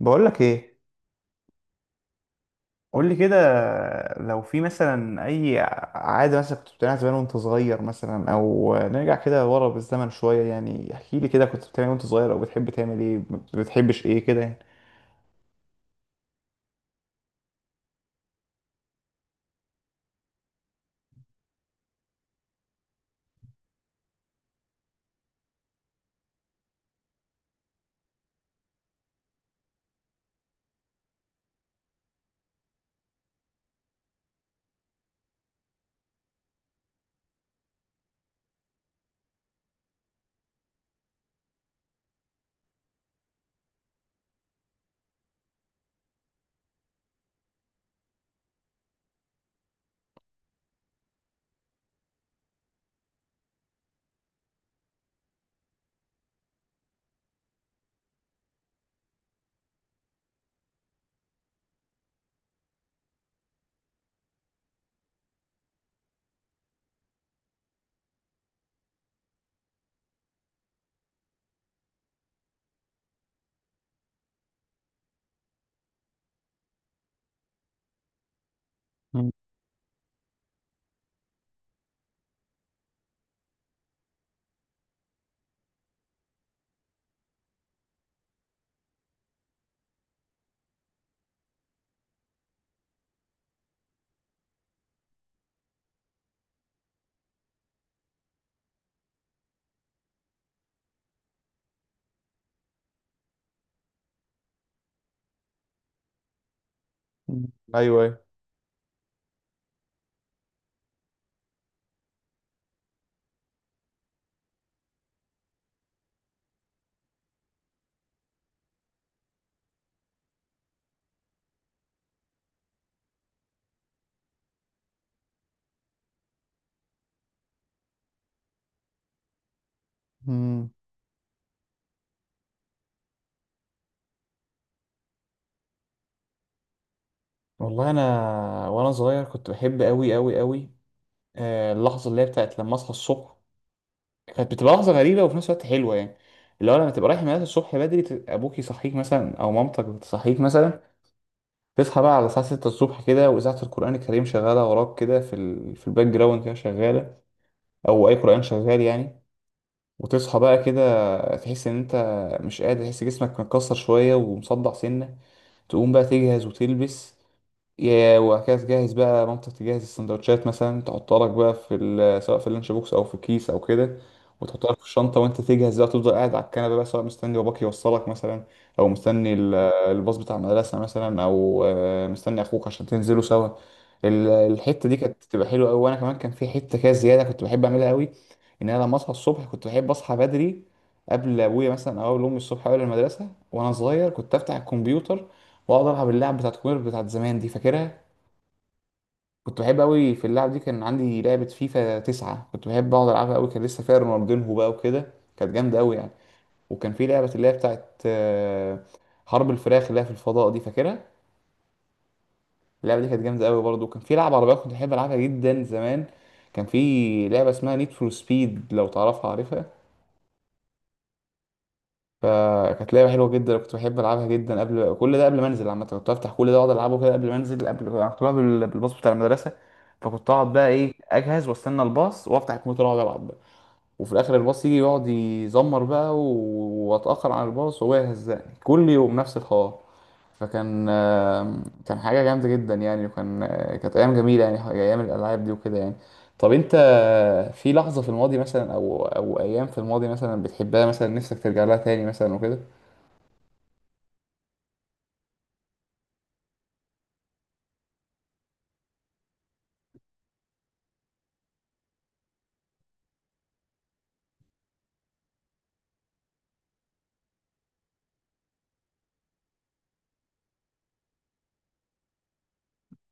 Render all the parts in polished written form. بقولك ايه؟ قولي كده. لو في مثلا عادة مثلا كنت بتعملها زمان وانت صغير مثلا، او نرجع كده ورا بالزمن شوية. يعني احكي لي كده، كنت بتعمل إيه وانت صغير؟ او بتحب تعمل ايه؟ ما بتحبش ايه كده يعني. مم. مم. ايوه ايوه. مم. والله انا وانا صغير كنت بحب قوي قوي قوي اللحظه اللي هي بتاعت لما اصحى الصبح. كانت بتبقى لحظه غريبه وفي نفس الوقت حلوه يعني. اللي هو لما تبقى رايح المدرسه الصبح بدري، ابوك يصحيك مثلا او مامتك بتصحيك مثلا. تصحى بقى على الساعة 6 الصبح كده، وإذاعة القرآن الكريم شغالة وراك كده، في الباك جراوند كده شغالة، أو أي قرآن شغال يعني. وتصحى بقى كده تحس إن أنت مش قادر، تحس جسمك متكسر شوية ومصدع سنة. تقوم بقى تجهز وتلبس يا وهكذا. تجهز بقى مامتك تجهز السندوتشات مثلا، تحطها لك بقى سواء في اللانش بوكس او في كيس او كده، وتحطها لك في الشنطه. وانت تجهز بقى، تفضل قاعد على الكنبه بقى، سواء مستني باباك يوصلك مثلا، او مستني الباص بتاع المدرسه مثلا، او مستني اخوك عشان تنزلوا سوا. الحته دي كانت بتبقى حلوه قوي. وانا كمان كان في حته كده زياده كنت بحب اعملها قوي: ان انا لما اصحى الصبح كنت بحب اصحى بدري، قبل ابويا مثلا او قبل امي الصبح، قبل المدرسه. وانا صغير كنت افتح الكمبيوتر واقعد العب اللعب بتاعت كوير بتاعت زمان دي، فاكرها؟ كنت بحب قوي في اللعب دي. كان عندي لعبة فيفا تسعة كنت بحب اقعد العبها قوي، كان لسه فيها رونالدينهو بقى وكده، كانت جامدة قوي يعني. وكان في لعبة اللي هي بتاعت حرب الفراخ اللي هي في الفضاء دي، فاكرها؟ اللعبة دي كانت جامدة قوي برضه. وكان في لعبة عربيات كنت بحب العبها جدا زمان، كان في لعبة اسمها نيد فور سبيد، لو تعرفها عارفها. فكانت لعبة حلوة جدا كنت بحب ألعبها جدا. قبل كل ده، قبل ما أنزل عامة، كنت بفتح كل ده وأقعد ألعبه كده قبل ما أنزل. قبل كنت بلعب بالباص بتاع المدرسة، فكنت أقعد بقى إيه، أجهز وأستنى الباص وأفتح الكمبيوتر وأقعد ألعب. وفي الاخر الباص يجي يقعد يزمر بقى، واتاخر عن الباص وهو يهزقني كل يوم نفس الحوار. فكان كان حاجه جامده جدا يعني، وكان كانت ايام جميله يعني، ايام الالعاب دي وكده يعني. طب انت، في لحظه في الماضي مثلا، او ايام في الماضي مثلا بتحبها مثلا، نفسك ترجع لها تاني مثلا وكده؟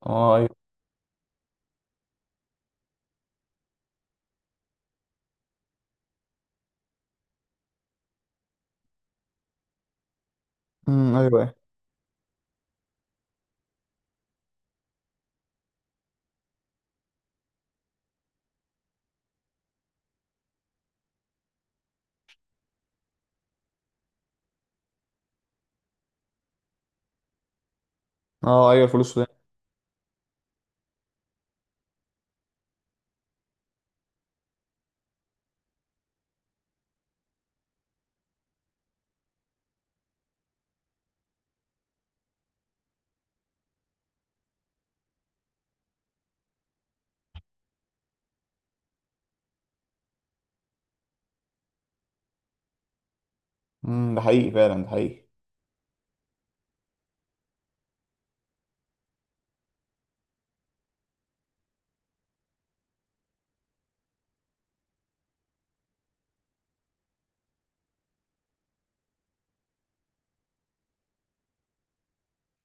اه ايوه. ايوه أيوة. اه ايوه، الفلوس ده. امم، ده حقيقي فعلا، ده حقيقي.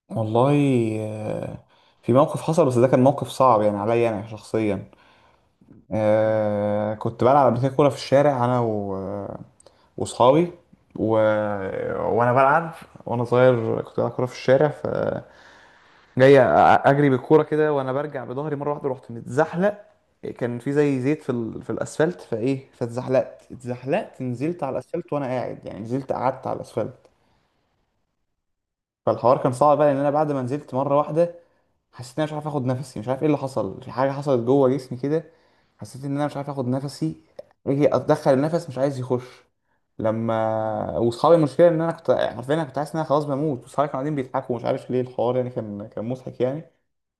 والله، آه، في موقف حصل، بس ده كان موقف صعب يعني عليا انا شخصيا. آه كنت بلعب قبل كده كورة في الشارع، أنا و... وصحابي و... وأنا بلعب. وأنا صغير كنت بلعب كورة في الشارع، فجاي أجري بالكورة كده وأنا برجع بظهري، مرة واحدة رحت متزحلق. كان في زي زيت في الأسفلت، فإيه، اتزحلقت، نزلت على الأسفلت وأنا قاعد يعني، نزلت قعدت على الأسفلت. فالحوار كان صعب بقى، لأن أنا بعد ما نزلت مرة واحدة حسيت ان انا مش عارف اخد نفسي، مش عارف ايه اللي حصل، في حاجه حصلت جوه جسمي كده. حسيت ان انا مش عارف اخد نفسي، اجي اتدخل النفس مش عايز يخش. واصحابي، المشكله ان انا كنت عارفين، انا كنت حاسس ان انا خلاص بموت، واصحابي كانوا قاعدين بيضحكوا، ومش عارف ليه الحوار يعني، كان مضحك يعني.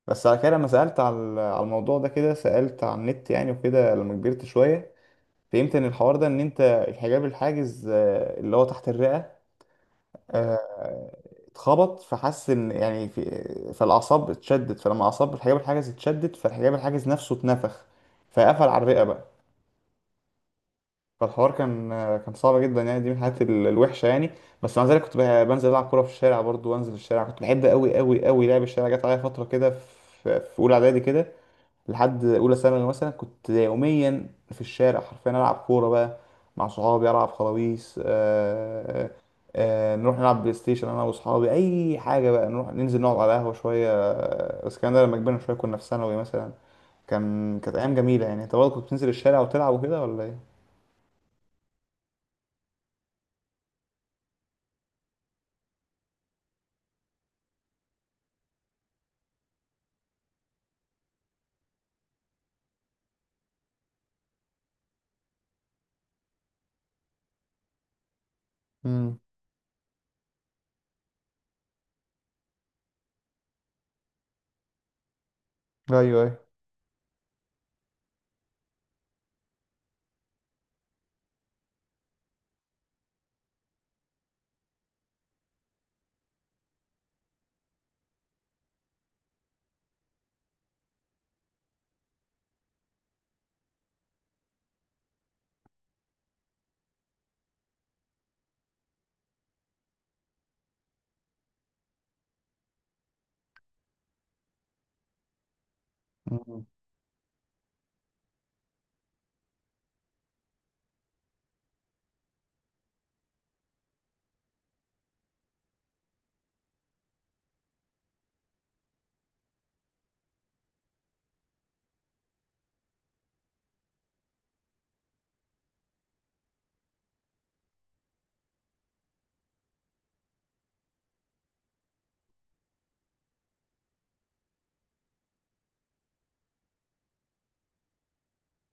بس على كده لما سالت على الموضوع ده كده، سالت على النت يعني وكده لما كبرت شويه، فهمت ان الحوار ده ان انت الحجاب الحاجز، اللي هو تحت الرئه، آه، اتخبط، فحس ان يعني في، فالاعصاب اتشدت، فلما اعصاب الحجاب الحاجز اتشدت، فالحجاب الحاجز نفسه اتنفخ، فقفل على الرئه بقى. فالحوار كان كان صعب جدا يعني، دي من الحاجات الوحشه يعني. بس مع ذلك كنت بنزل العب كوره في الشارع برضو، وانزل الشارع كنت بحب قوي قوي قوي لعب الشارع. جت عليا فتره كده في اولى اعدادي كده لحد اولى ثانوي مثلا كنت يوميا في الشارع حرفيا العب كوره بقى مع صحابي، العب خلاويص، نروح نلعب بلاي ستيشن انا واصحابي، اي حاجه بقى، نروح ننزل نقعد على قهوه شويه، بس الكلام ده لما كبرنا شويه، كنا في ثانوي مثلا. كانت ايام جميله يعني. انت برضه كنت بتنزل الشارع وتلعب وكده ولا ايه؟ امم ايوه ايوه. مم.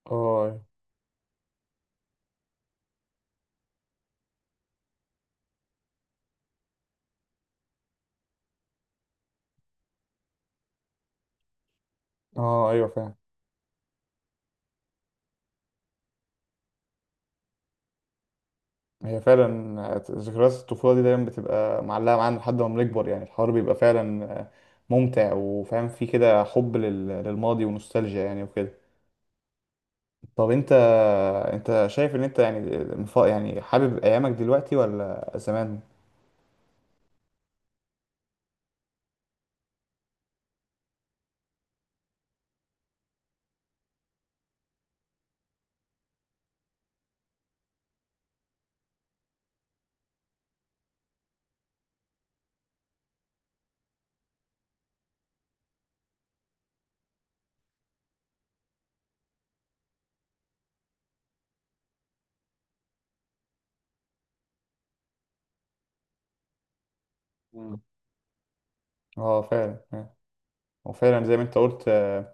اه. اه ايوه، فاهم. هي فعلا ذكريات الطفولة دي دايما بتبقى معلقة معانا لحد ما بنكبر، يعني الحوار بيبقى فعلا ممتع، وفاهم فيه كده حب للماضي ونوستالجيا يعني وكده. طب انت، انت شايف ان انت يعني يعني حابب ايامك دلوقتي ولا زمان؟ مم. اه فعلا آه. وفعلا زي ما انت قلت،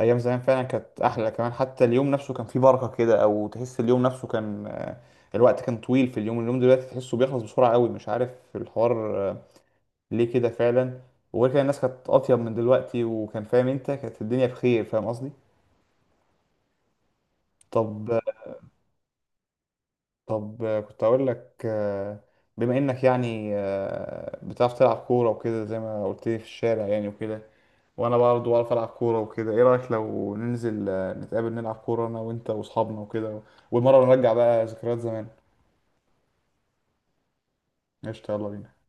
ايام زمان فعلا كانت احلى، كمان حتى اليوم نفسه كان فيه بركه كده، او تحس اليوم نفسه كان الوقت كان طويل في اليوم. اليوم دلوقتي تحسه بيخلص بسرعه قوي، مش عارف الحوار ليه كده فعلا. وغير كده الناس كانت اطيب من دلوقتي، وكان فاهم انت، كانت الدنيا بخير، فاهم قصدي. طب طب كنت اقول لك، بما انك يعني بتعرف تلعب كوره وكده زي ما قلت لي في الشارع يعني وكده، وانا برضه بعرف العب كوره وكده، ايه رايك لو ننزل نتقابل نلعب كوره انا وانت واصحابنا وكده، والمره نرجع بقى ذكريات زمان؟ قشطه، يلا بينا.